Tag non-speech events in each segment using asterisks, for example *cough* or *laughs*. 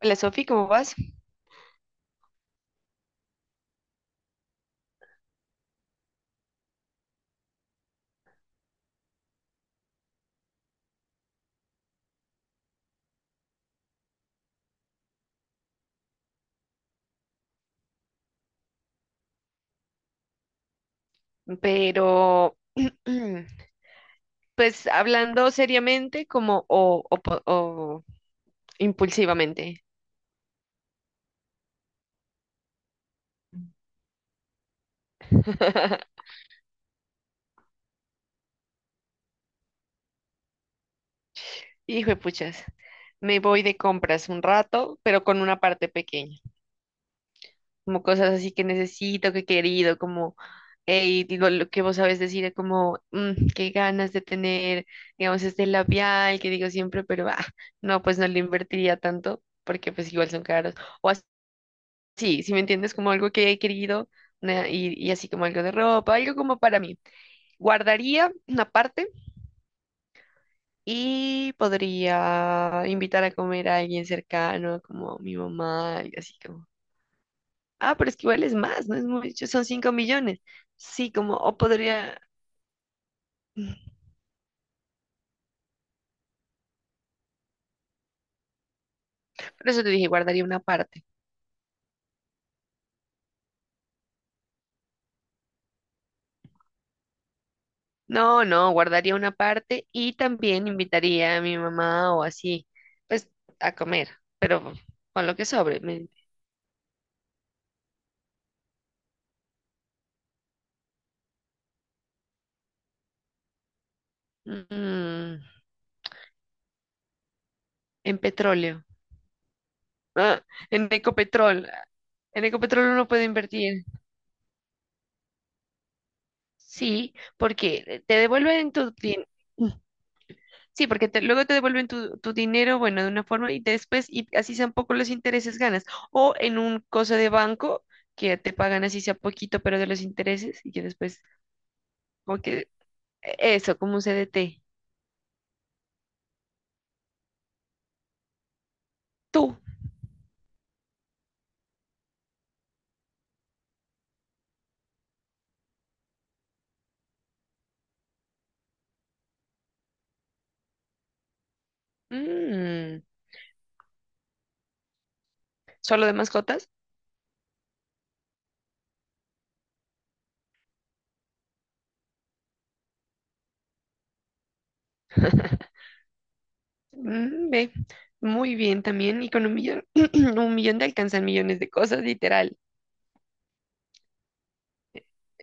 Hola Sofi, ¿cómo vas? Pero, *clears throat* pues hablando seriamente como o impulsivamente. *laughs* Hijo de puchas, me voy de compras un rato, pero con una parte pequeña, como cosas así que necesito, que he querido, como, hey, digo lo que vos sabes decir, como, qué ganas de tener, digamos, este labial que digo siempre, pero, ah, no, pues no le invertiría tanto, porque pues igual son caros. O Sí, si me entiendes, como algo que he querido y así como algo de ropa, algo como para mí. Guardaría una parte y podría invitar a comer a alguien cercano, como mi mamá, y así como. Ah, pero es que igual es más, no es mucho, son 5 millones. Sí, como, o podría. *laughs* Mm, Por eso te dije, guardaría una parte. No, no, guardaría una parte y también invitaría a mi mamá o así, pues a comer, pero con lo que sobre. Mm. En petróleo. Ah, en Ecopetrol. En Ecopetrol uno puede invertir. Sí, porque te devuelven Sí, porque luego te devuelven tu dinero, bueno, de una forma y después, y así sean poco los intereses ganas. O en un cosa de banco que te pagan así sea poquito, pero de los intereses y que después, como que eso, como un CDT. Tú. Mm, ¿Solo de mascotas? Ve. Muy bien también, economía. *clears throat* 1 millón te alcanzan millones de cosas, literal.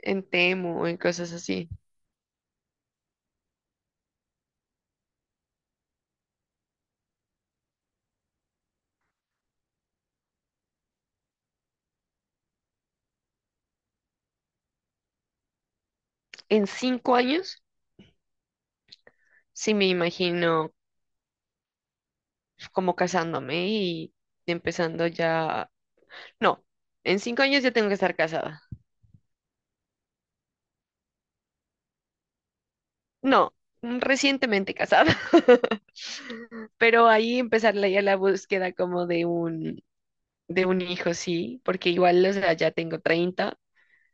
En Temu o en cosas así. En cinco años, sí me imagino como casándome y empezando ya. No, en 5 años ya tengo que estar casada. No, recientemente casada. *laughs* Pero ahí empezar ya la búsqueda como de un, hijo, sí, porque igual, o sea, ya tengo 30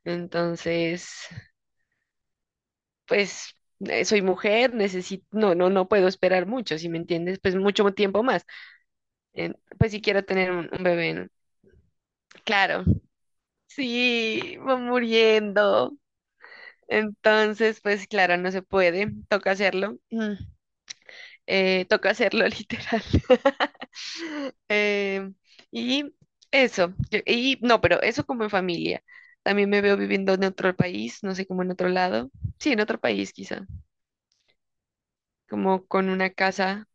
entonces, pues. Soy mujer, necesito, no, no, no puedo esperar mucho, ¿si me entiendes? Pues mucho tiempo más pues si quiero tener un bebé en. Claro, sí, va muriendo. Entonces, pues claro, no se puede, toca hacerlo. Toca hacerlo *laughs* literal. Eh, y eso, y no, pero eso como en familia. También me veo viviendo en otro país, no sé, como en otro lado. Sí, en otro país quizá, como con una casa,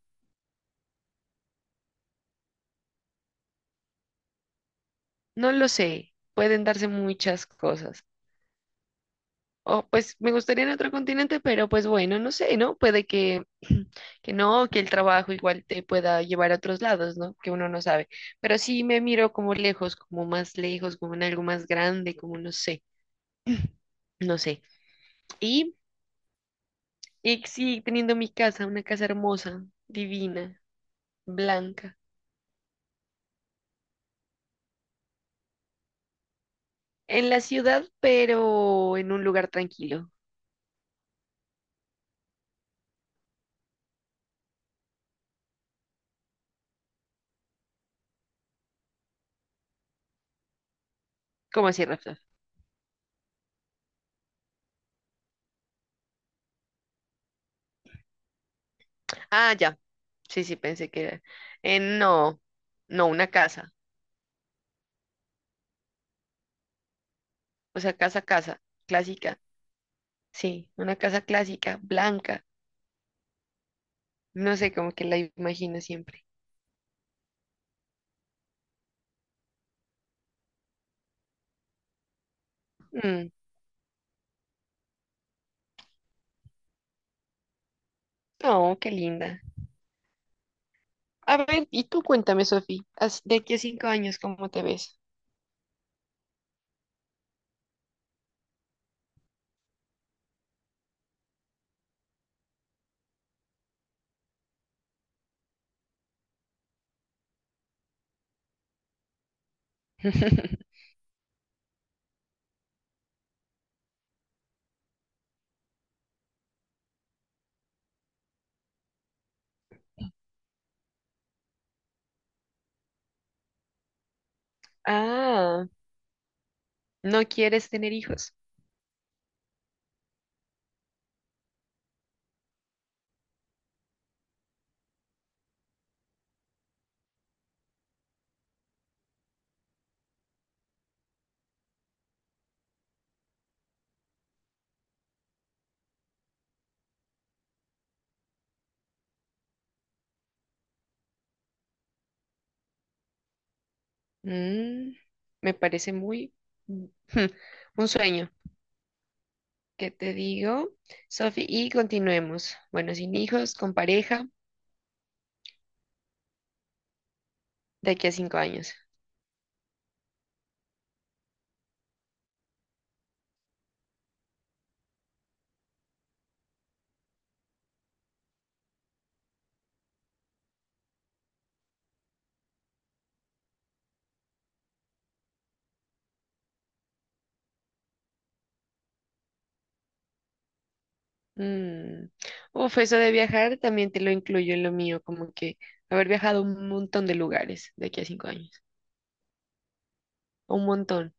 no lo sé, pueden darse muchas cosas. O pues me gustaría en otro continente, pero pues bueno, no sé, ¿no? Puede que, *clears throat* que no, que el trabajo igual te pueda llevar a otros lados, ¿no? Que uno no sabe. Pero sí me miro como lejos, como más lejos, como en algo más grande, como no sé, no sé. Y, y sí, teniendo mi casa, una casa hermosa, divina, blanca, en la ciudad, pero en un lugar tranquilo. ¿Cómo así, Rafa? Ah, ya. Sí, sí, pensé que era. No, no, una casa. O sea, casa, casa, clásica. Sí, una casa clásica, blanca. No sé, como que la imagino siempre. Mm, oh, qué linda. A ver, y tú cuéntame, Sofi, de aquí a 5 años, cómo te ves? *laughs* Ah, ¿no quieres tener hijos? Mm, me parece muy mm, *laughs* un sueño. ¿Qué te digo, Sofi? Y continuemos. Bueno, sin hijos, con pareja, de aquí a 5 años. Mm. Uf, eso de viajar también te lo incluyo en lo mío, como que haber viajado a un montón de lugares de aquí a 5 años. Un montón.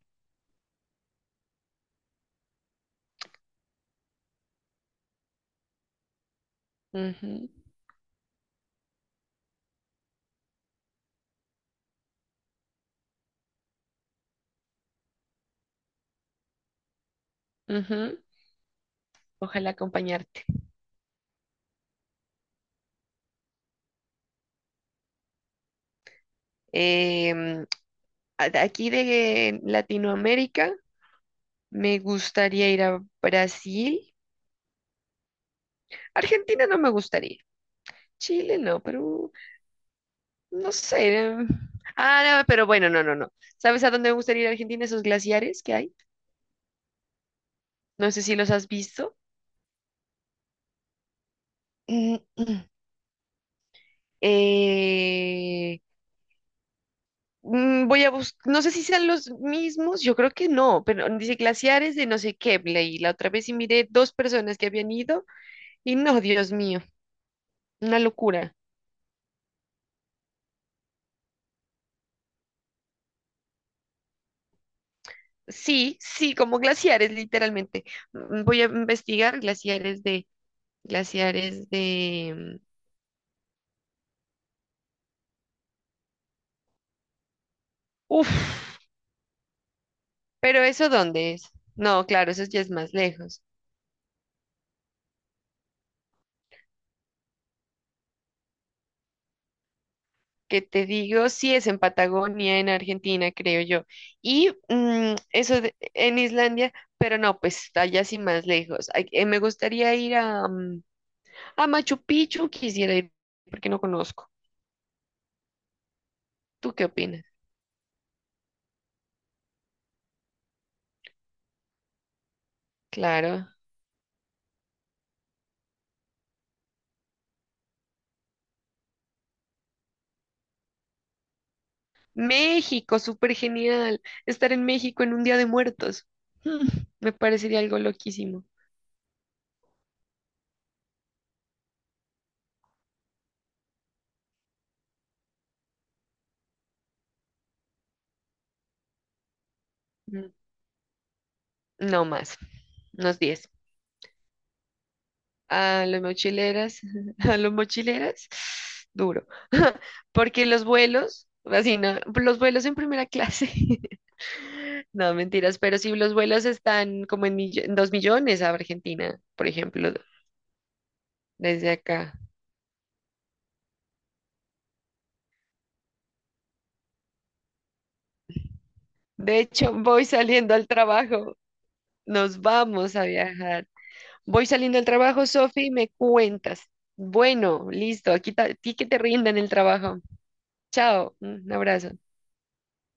Ujú, ujú. Ojalá acompañarte. Em, de aquí de Latinoamérica me gustaría ir a Brasil. Argentina no me gustaría. Chile no, Perú, no sé. Ah, no, pero bueno, no, no, no. ¿Sabes a dónde me gustaría ir? A Argentina. Esos glaciares que hay. No sé si los has visto. *clears throat* Eh, voy a buscar, no sé si sean los mismos, yo creo que no, pero dice glaciares de no sé qué, leí la otra vez y miré dos personas que habían ido y no, Dios mío, una locura. Sí, sí, como glaciares, literalmente. Voy a investigar glaciares de, uf, pero ¿eso dónde es? No, claro, eso ya es más lejos. Que te digo, sí es en Patagonia, en Argentina, creo yo. Y en Islandia, pero no, pues está allá sí más lejos. Ay, me gustaría ir a Machu Picchu, quisiera ir porque no conozco. ¿Tú qué opinas? Claro. México, súper genial. Estar en México en un Día de Muertos. *laughs* Mm, me parecería algo loquísimo. Mm, No más, unos 10 a los mochileras, *laughs* a los mochileras, duro, *laughs* porque los vuelos, así no, los vuelos en primera clase, *laughs* no, mentiras, pero sí los vuelos están como en 2 millones a Argentina, por ejemplo, desde acá. De hecho, voy saliendo al trabajo, nos vamos a viajar. Voy saliendo al trabajo, Sofi, y me cuentas. Bueno, listo, aquí a ti que te rindan el trabajo. Chao, un abrazo.